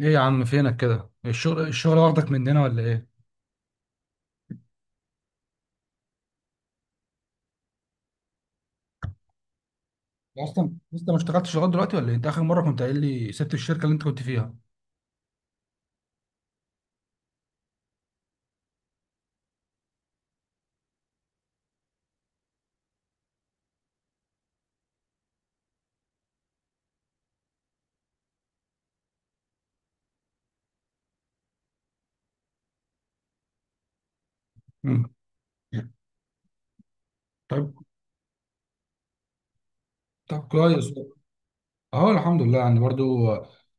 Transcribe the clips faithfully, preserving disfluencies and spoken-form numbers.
ايه يا عم فينك كده؟ الشغل الشغل واخدك مننا ولا ايه؟ يا اصلا لسه ما اشتغلتش لغايه دلوقتي ولا إيه؟ انت اخر مره كنت قايل لي سبت الشركه اللي انت كنت فيها. مم. طيب. طب كويس. اهو الحمد لله يعني برضو.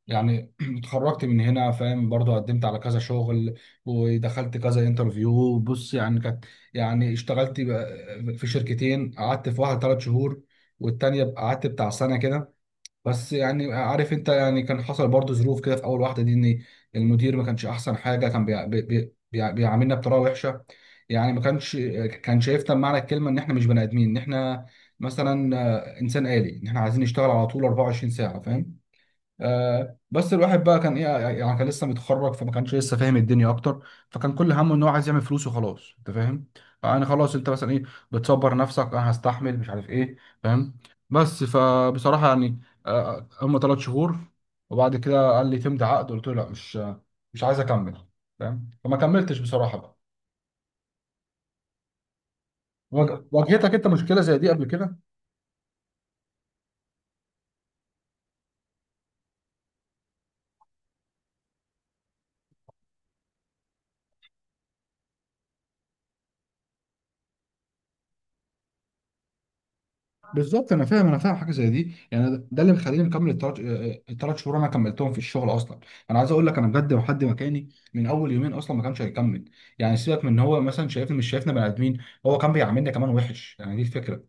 يعني اتخرجت من هنا، فاهم، برضو قدمت على كذا شغل ودخلت كذا انترفيو. بص، يعني كانت، يعني اشتغلت بقى في شركتين. قعدت في واحده تلات شهور والتانيه قعدت بتاع سنه كده. بس يعني عارف انت، يعني كان حصل برضو ظروف كده في اول واحده دي، ان المدير ما كانش احسن حاجه. كان بيع- بي بي بيع- بيعاملنا بطريقه وحشه. يعني ما كانش، كان شايفنا بمعنى الكلمه ان احنا مش بني ادمين، ان احنا مثلا آه، انسان آلي، ان احنا عايزين نشتغل على طول 24 ساعه، فاهم. آه، بس الواحد بقى كان ايه، يعني كان لسه متخرج فما كانش لسه فاهم الدنيا اكتر، فكان كل همه ان هو عايز يعمل فلوس وخلاص، انت فاهم. يعني خلاص انت مثلا ايه، بتصبر نفسك انا هستحمل مش عارف ايه، فاهم. بس فبصراحه يعني، آه، هم تلات شهور. وبعد كده قال لي تمضي عقد، قلت له لا، مش مش عايز اكمل، فاهم. فما كملتش بصراحه بقى. واجه- واجهتك انت مشكله زي دي قبل كده؟ بالظبط، انا فاهم انا فاهم حاجه زي دي. يعني ده ده اللي مخليني مكمل التلات، آه، التلات شهور انا كملتهم في الشغل اصلا. انا عايز اقول لك، انا بجد لو حد مكاني من اول يومين اصلا ما كانش هيكمل. يعني سيبك من ان هو مثلا شايفني، مش شايفنا بني ادمين، هو كان بيعاملنا كمان وحش، يعني دي الفكره.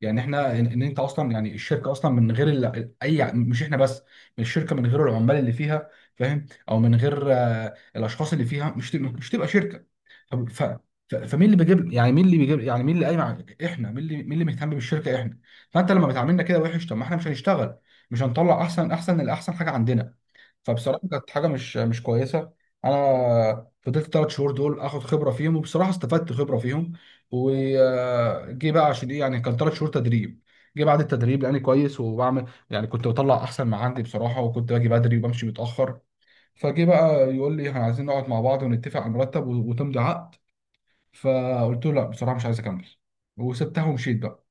يعني احنا ان إن انت اصلا يعني الشركه اصلا من غير ال- اي مش احنا بس، من الشركه من غير العمال اللي فيها، فاهم، او من غير آه، الاشخاص اللي فيها مش تبقى- مش تبقى شركه. طب ف... ف... فمين اللي بيجيب، يعني مين اللي بيجيب، يعني مين اللي قايم على- احنا مين اللي مين اللي مهتم بالشركه؟ احنا. فانت لما بتعاملنا كده وحش، طب ما احنا مش هنشتغل، مش هنطلع احسن، احسن الاحسن حاجه عندنا. فبصراحه كانت حاجه مش مش كويسه. انا فضلت تلات شهور دول اخد خبره فيهم، وبصراحه استفدت خبره فيهم، وجي بقى عشان ايه، يعني كان تلات شهور تدريب. جه بعد التدريب لاني كويس وبعمل، يعني كنت بطلع احسن ما عندي بصراحه، وكنت باجي بدري وبمشي متاخر. فجه بقى يقول لي احنا عايزين نقعد مع بعض ونتفق على مرتب و- وتمضي عقد. فقلت له لا، بصراحه مش عايز اكمل، وسبتها ومشيت بقى.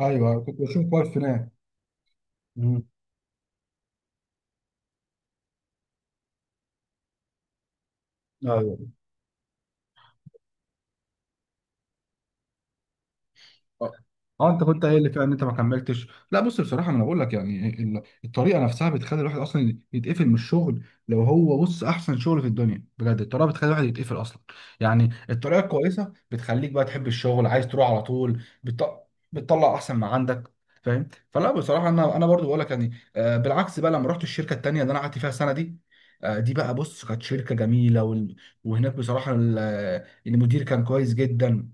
ايوه، كنت بشوف واقف هناك. مم. ايوه. اه. آه، انت كنت قايل لي فعلا ان انت ما كملتش. لا، بص بصراحه، ما انا بقول لك يعني ال- الطريقه نفسها بتخلي الواحد اصلا يتقفل من الشغل، لو هو بص احسن شغل في الدنيا، بجد الطريقه بتخلي الواحد يتقفل اصلا. يعني الطريقه الكويسه بتخليك بقى تحب الشغل، عايز تروح على طول، بت- بتطلع احسن ما عندك، فاهم. فلا بصراحه، انا انا برضو بقول لك يعني، آه، بالعكس بقى لما رحت الشركه التانيه اللي انا قعدت فيها السنه دي. آه، دي بقى بص كانت شركه جميله وال- وهناك بصراحه ال- المدير كان كويس جدا.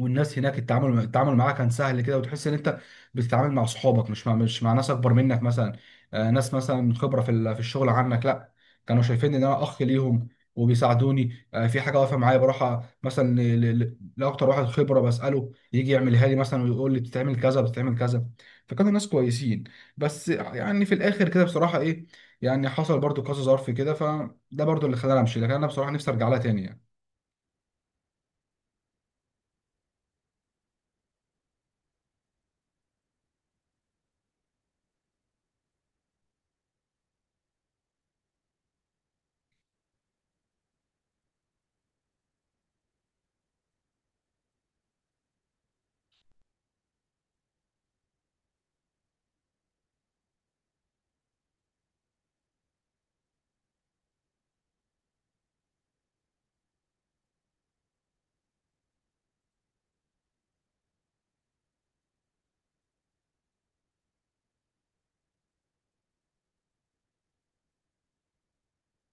والناس هناك التعامل، التعامل معاها كان سهل كده، وتحس ان انت بتتعامل مع صحابك، مش مع مش مع ناس اكبر منك مثلا، آه، ناس مثلا من خبره في ال- في الشغل عنك. لا، كانوا شايفين ان انا اخ ليهم، وبيساعدوني، آه، في حاجه واقفه معايا بروح أ- مثلا ل- ل- ل- لاكتر واحد خبره بساله يجي يعملها لي مثلا ويقول لي بتتعمل كذا بتتعمل كذا. فكانوا ناس كويسين. بس يعني في الاخر كده بصراحه ايه، يعني حصل برضو كذا ظرف كده فده برضو اللي خلاني امشي. لكن انا بصراحه نفسي ارجع لها تاني يعني.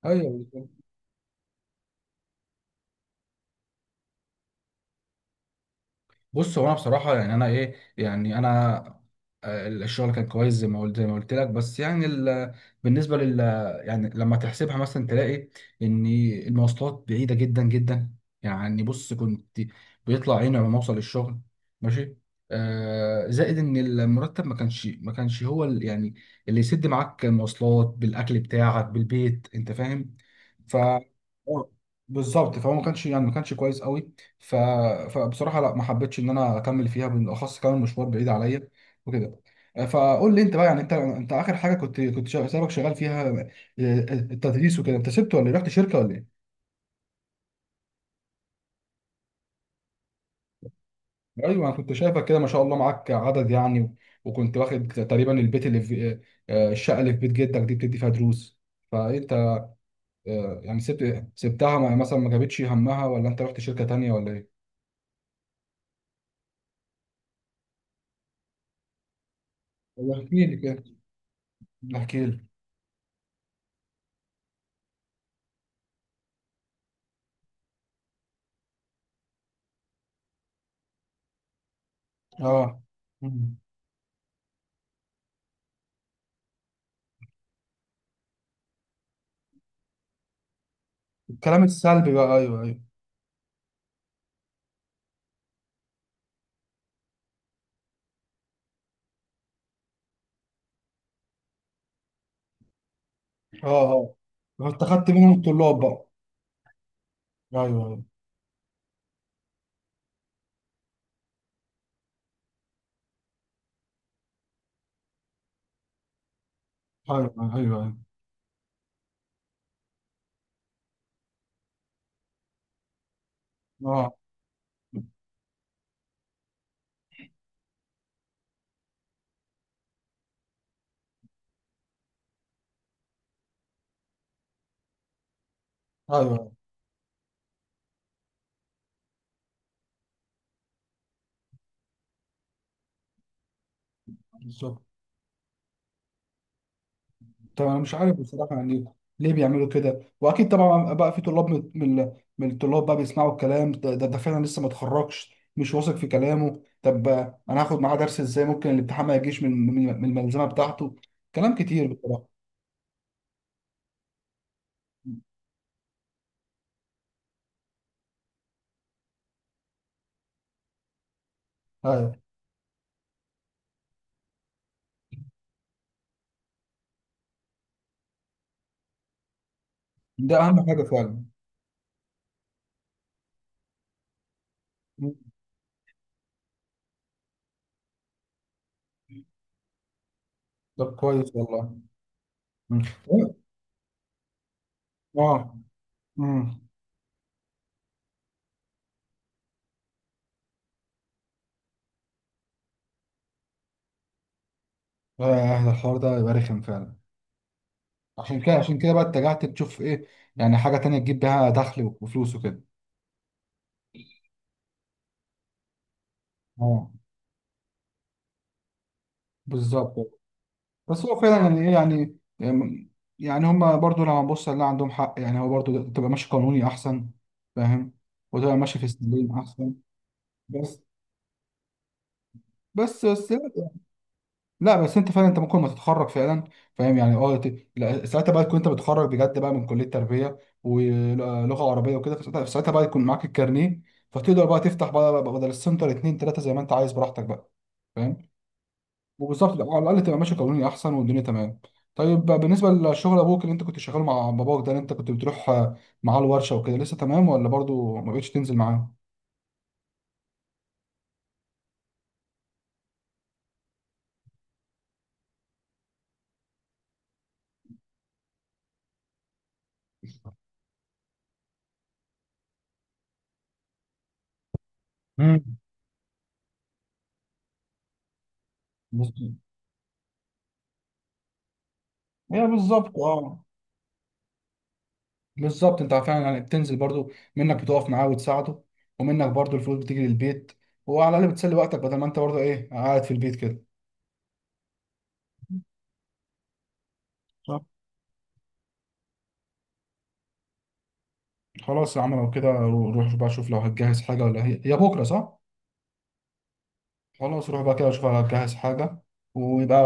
ايوه. بص، هو انا بصراحه يعني، انا ايه يعني انا، آه، الشغل كان كويس زي ما قلت زي ما قلت لك. بس يعني ال... بالنسبه لل، يعني لما تحسبها مثلا تلاقي ان المواصلات بعيده جدا جدا، يعني بص كنت بيطلع عيني لما اوصل للشغل ماشي. آه، زائد ان المرتب ما كانش ما كانش هو ال- يعني اللي يسد معاك المواصلات بالاكل بتاعك بالبيت، انت فاهم. ف بالظبط، فهو ما كانش يعني ما كانش كويس قوي. ف... فبصراحه لا، ما حبيتش ان انا اكمل فيها، بالاخص كمان مشوار بعيد عليا وكده. آه، فقول لي انت بقى، يعني انت انت اخر حاجه كنت كنت شا- سابك شغال فيها، آه، التدريس وكده، انت سبت ولا إيه؟ رحت شركه ولا ايه؟ ايوه، انا كنت شايفك كده، ما شاء الله معاك عدد يعني و- وكنت واخد تقريبا البيت اللي في، آه، الشقه اللي في بيت جدك دي بتدي فيها دروس. فانت، آه، يعني سبت سبتها ما- مثلا ما جابتش همها، ولا انت رحت شركه تانيه ولا ايه؟ احكي لي كده، احكي لي. اه، الكلام السلبي بقى، ايوه ايوه. اه. اه، انت خدت منهم الطلاب بقى. ايوه ايوه ايوه ايوه أيوه. اه. ايوه بالظبط. طب انا مش عارف بصراحه يعني، ليه بيعملوا كده؟ واكيد طبعا بقى في طلاب من من من الطلاب بقى بيسمعوا الكلام ده ده ده فعلا لسه ما اتخرجش مش واثق في كلامه، طب انا هاخد معاه درس ازاي؟ ممكن الامتحان ما يجيش من من من الملزمه بتاعته. كلام كتير بصراحه. ايوه، ده اهم حاجه فعلا. طب كويس والله. مم. اه. امم آه، الحوار ده يبقى رخم فعلا. عشان كده عشان كده بقى اتجهت تشوف ايه، يعني حاجه تانية تجيب بيها دخل وفلوس وكده. اه بالظبط. بس هو فعلا يعني ايه يعني، يعني هما برضو لو هنبص لا عندهم حق، يعني هو برضو تبقى ماشي قانوني احسن، فاهم، وتبقى ماشي في السليم احسن. بس بس بس لا، بس انت فعلا انت ممكن ما تتخرج فعلا، فاهم يعني. اه ت- لا، ساعتها بقى تكون انت بتخرج بجد بقى من كليه تربيه ولغه عربيه وكده، فساعتها، ساعتها بقى يكون معاك الكارنيه، فتقدر بقى تفتح بقى بقى بدل السنتر اتنين تلاته زي ما انت عايز براحتك بقى، فاهم. وبالظبط تبقى على الاقل تبقى ماشي قانوني احسن، والدنيا تمام. طيب بالنسبه لشغل ابوك، اللي انت كنت شغال مع باباك ده، اللي انت كنت بتروح آه، معاه الورشه وكده، لسه تمام ولا برضو ما بقتش تنزل معاه؟ مم. بص- هي بالظبط، اه بالظبط، انت فعلا يعني بتنزل برضو، منك بتقف معاه وتساعده، ومنك برضو الفلوس بتيجي للبيت، وعلى الاقل بتسلي وقتك بدل ما انت برضو ايه قاعد في البيت كده. صح. خلاص يا عم، لو كده رو- روح بقى شوف لو هتجهز حاجه، ولا هي هي بكره، صح؟ خلاص روح بقى كده اشوف اجهز حاجة. ويبقى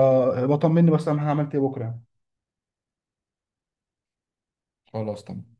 بطمني بس انا عملت ايه بكرة يعني. خلاص تمام.